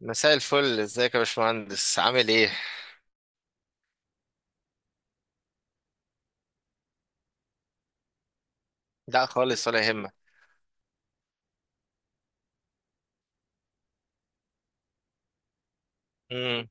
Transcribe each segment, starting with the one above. مساء الفل، ازيك يا باشمهندس؟ عامل ايه؟ لا خالص ولا يهمك. امم.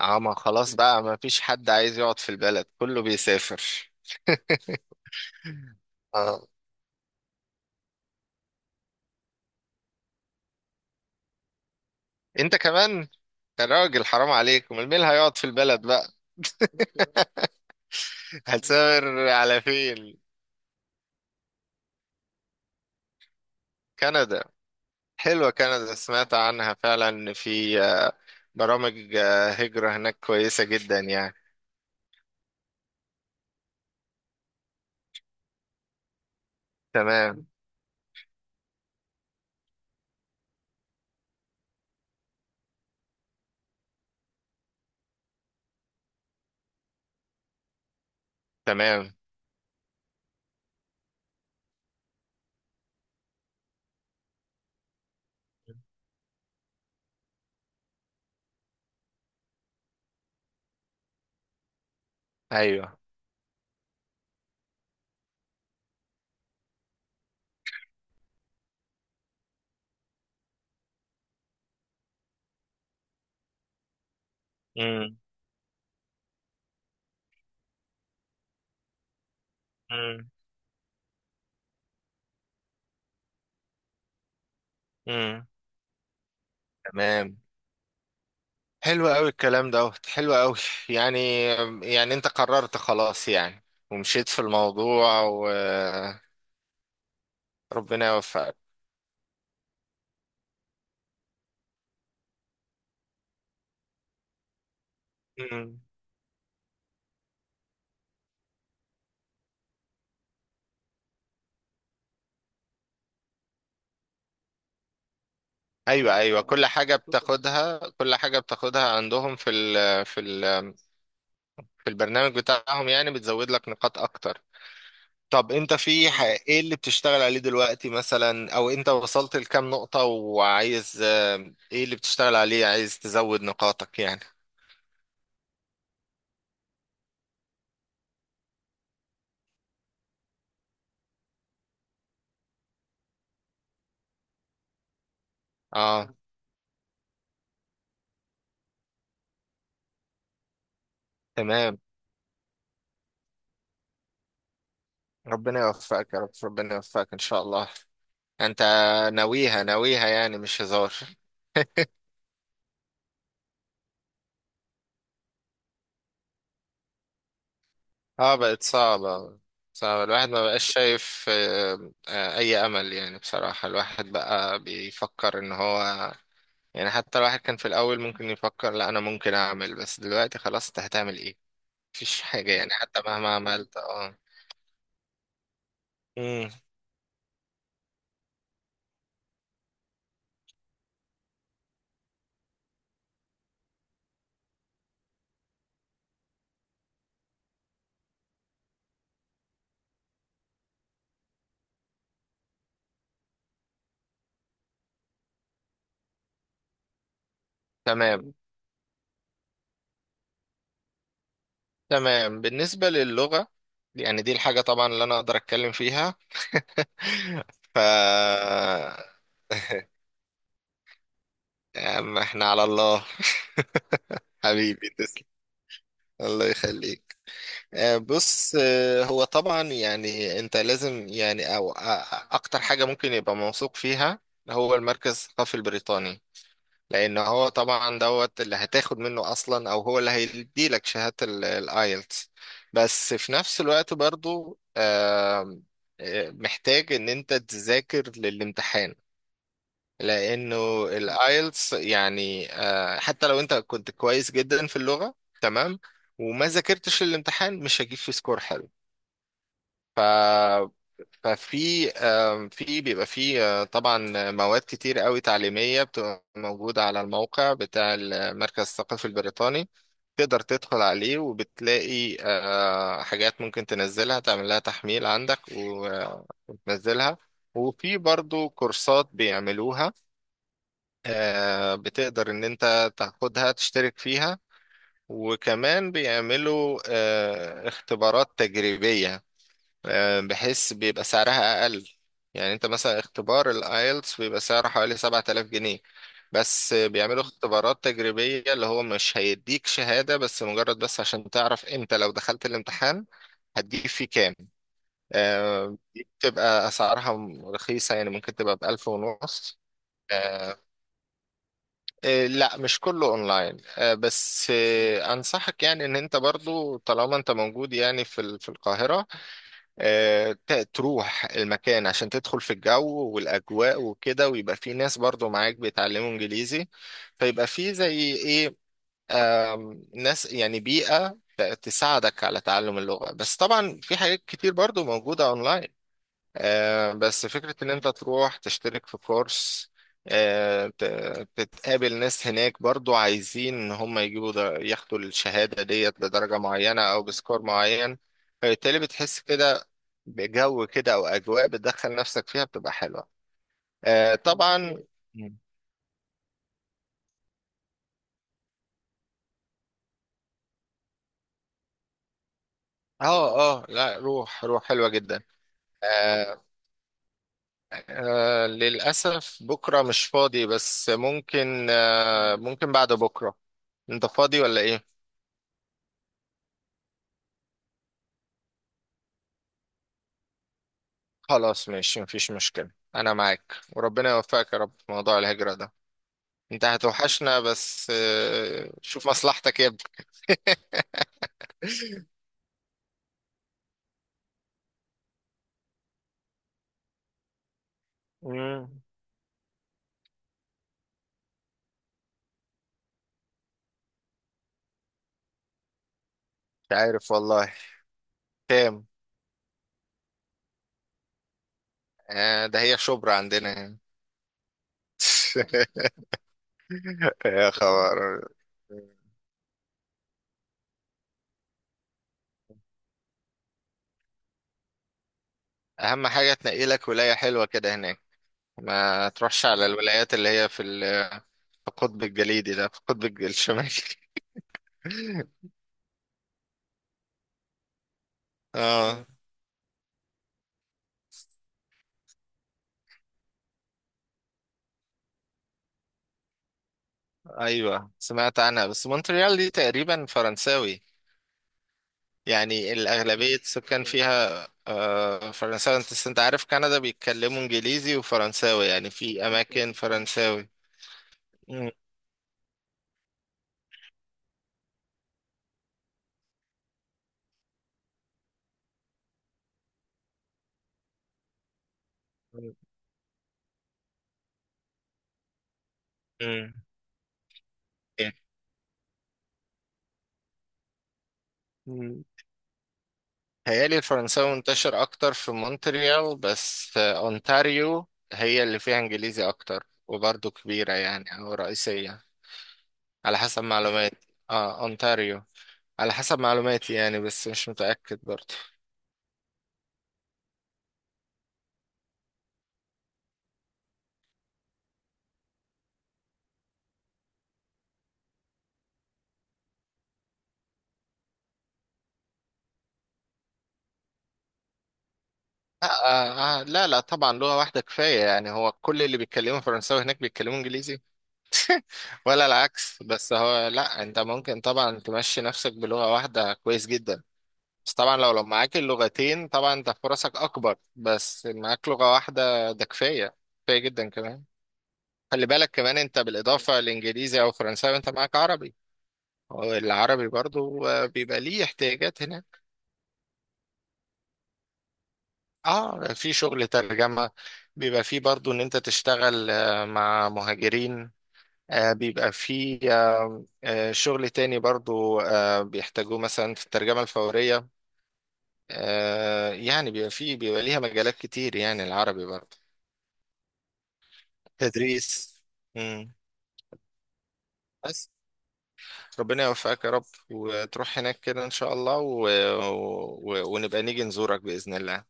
اه، ما خلاص بقى ما فيش حد عايز يقعد في البلد، كله بيسافر. اه، انت كمان؟ يا راجل حرام عليك، امال مين اللي هيقعد في البلد بقى؟ هتسافر على فين؟ كندا؟ حلوة كندا، سمعت عنها فعلا ان في برامج هجرة هناك كويسة جدا يعني. تمام، تمام. ايوه. امم، امم، امم. تمام. حلو قوي الكلام دوت، حلو قوي. يعني يعني انت قررت خلاص يعني؟ ومشيت في الموضوع وربنا يوفقك. مم. ايوه، ايوه، كل حاجه بتاخدها، كل حاجه بتاخدها عندهم في البرنامج بتاعهم يعني بتزود لك نقاط اكتر. طب انت ايه اللي بتشتغل عليه دلوقتي مثلا، او انت وصلت لكام نقطه وعايز ايه اللي بتشتغل عليه عايز تزود نقاطك يعني؟ اه. تمام. ربنا يوفقك يا رب، ربنا يوفقك ان شاء الله. انت ناويها ناويها يعني؟ مش هزار؟ اه، بقت صعبة. صعبة، الواحد ما بقاش شايف أي أمل يعني، بصراحة الواحد بقى بيفكر إن هو. يعني حتى الواحد كان في الأول ممكن يفكر لا أنا ممكن أعمل، بس دلوقتي خلاص، أنت هتعمل إيه؟ مفيش حاجة يعني، حتى مهما عملت، اه. مم. تمام، تمام. بالنسبة للغة، يعني دي الحاجة طبعا اللي أنا أقدر أتكلم فيها. ف يا عم، احنا على الله. حبيبي تسلم، الله يخليك. بص، هو طبعا يعني انت لازم يعني او اكتر حاجة ممكن يبقى موثوق فيها، هو المركز الثقافي البريطاني. لان هو طبعا دوت اللي هتاخد منه اصلا، او هو اللي هيديلك شهادة الايلتس. بس في نفس الوقت برضو آم، آه، محتاج ان انت تذاكر للامتحان. لانه الايلتس يعني حتى لو انت كنت كويس جدا في اللغه، تمام، وما ذاكرتش الامتحان مش هجيب فيه سكور حلو. ف ففي في بيبقى في طبعا مواد كتير قوي تعليميه بتبقى موجوده على الموقع بتاع المركز الثقافي البريطاني. تقدر تدخل عليه وبتلاقي حاجات ممكن تنزلها، تعمل لها تحميل عندك وتنزلها. وفي برضو كورسات بيعملوها، بتقدر ان انت تاخدها تشترك فيها. وكمان بيعملوا اختبارات تجريبية، بحيث بيبقى سعرها اقل. يعني انت مثلا اختبار الايلتس بيبقى سعره حوالي 7000 جنيه، بس بيعملوا اختبارات تجريبية اللي هو مش هيديك شهادة، بس مجرد بس عشان تعرف انت لو دخلت الامتحان هتجيب فيه كام. دي بتبقى اسعارها رخيصة، يعني ممكن تبقى بألف ونص. آه، إيه، لا، مش كله اونلاين، آه، بس آه، انصحك يعني ان انت برضو طالما انت موجود يعني في القاهرة. تروح المكان عشان تدخل في الجو والاجواء وكده، ويبقى في ناس برضو معاك بيتعلموا انجليزي، فيبقى في زي ايه ناس، يعني بيئة تساعدك على تعلم اللغة. بس طبعا في حاجات كتير برضو موجودة اونلاين. بس فكرة إن أنت تروح تشترك في كورس، آه، ت- تتقابل ناس هناك برضو عايزين إن هم يجيبوا ده، ياخدوا الشهادة ديت بدرجة معينة أو بسكور معين. فبالتالي بتحس كده بجو كده، أو أجواء بتدخل نفسك فيها بتبقى حلوة. طبعا. مم. اه، اه، لا، روح، روح حلوة جدا. آه للأسف بكرة مش فاضي، بس ممكن بعد بكرة. أنت فاضي ولا إيه؟ خلاص ماشي، مفيش مشكلة، أنا معاك وربنا يوفقك يا رب في موضوع الهجرة ده. أنت هتوحشنا، بس شوف مصلحتك يا ابني. مم. مش عارف والله، كام؟ ده هي شبرا عندنا يعني. يا خبر! أهم حاجة تنقي لك ولاية حلوة كده هناك، ما تروحش على الولايات اللي هي في القطب الجليدي ده، في القطب الشمالي. اه، ايوه، سمعت عنها، بس مونتريال دي تقريبا فرنساوي، يعني الأغلبية السكان فيها فرنساوي، أنت عارف كندا بيتكلموا انجليزي وفرنساوي، يعني في اماكن فرنساوي. مم. مم. مم. هيالي الفرنساوي منتشر اكتر في مونتريال، بس اونتاريو هي اللي فيها انجليزي اكتر، وبرضه كبيرة يعني، او رئيسية على حسب معلوماتي. اه اونتاريو، على حسب معلوماتي يعني، بس مش متأكد برضه. لا، لا لا طبعا لغة واحدة كفاية، يعني هو كل اللي بيتكلموا فرنساوي هناك بيتكلموا انجليزي ولا العكس. بس هو، لا، انت ممكن طبعا تمشي نفسك بلغة واحدة كويس جدا. بس طبعا لو معاك اللغتين طبعا انت فرصك اكبر، بس معاك لغة واحدة ده كفاية، كفاية جدا كمان. خلي بالك كمان، انت بالاضافة لانجليزي او فرنساوي انت معاك عربي، والعربي برضو بيبقى ليه احتياجات هناك. اه، في شغل ترجمة، بيبقى فيه برضو ان انت تشتغل مع مهاجرين. بيبقى في شغل تاني، برضو بيحتاجوه مثلا في الترجمة الفورية، يعني بيبقى في بيبقى ليها مجالات كتير يعني، العربي برضو. تدريس. مم. بس ربنا يوفقك يا رب، وتروح هناك كده إن شاء الله، ونبقى نيجي نزورك بإذن الله.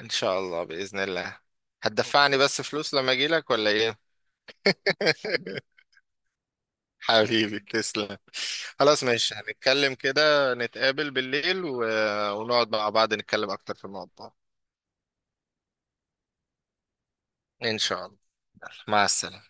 إن شاء الله، بإذن الله. هتدفعني بس فلوس لما أجيلك ولا إيه؟ حبيبي تسلم. خلاص ماشي، هنتكلم كده، نتقابل بالليل ونقعد مع بعض نتكلم أكتر في الموضوع. إن شاء الله، مع السلامة.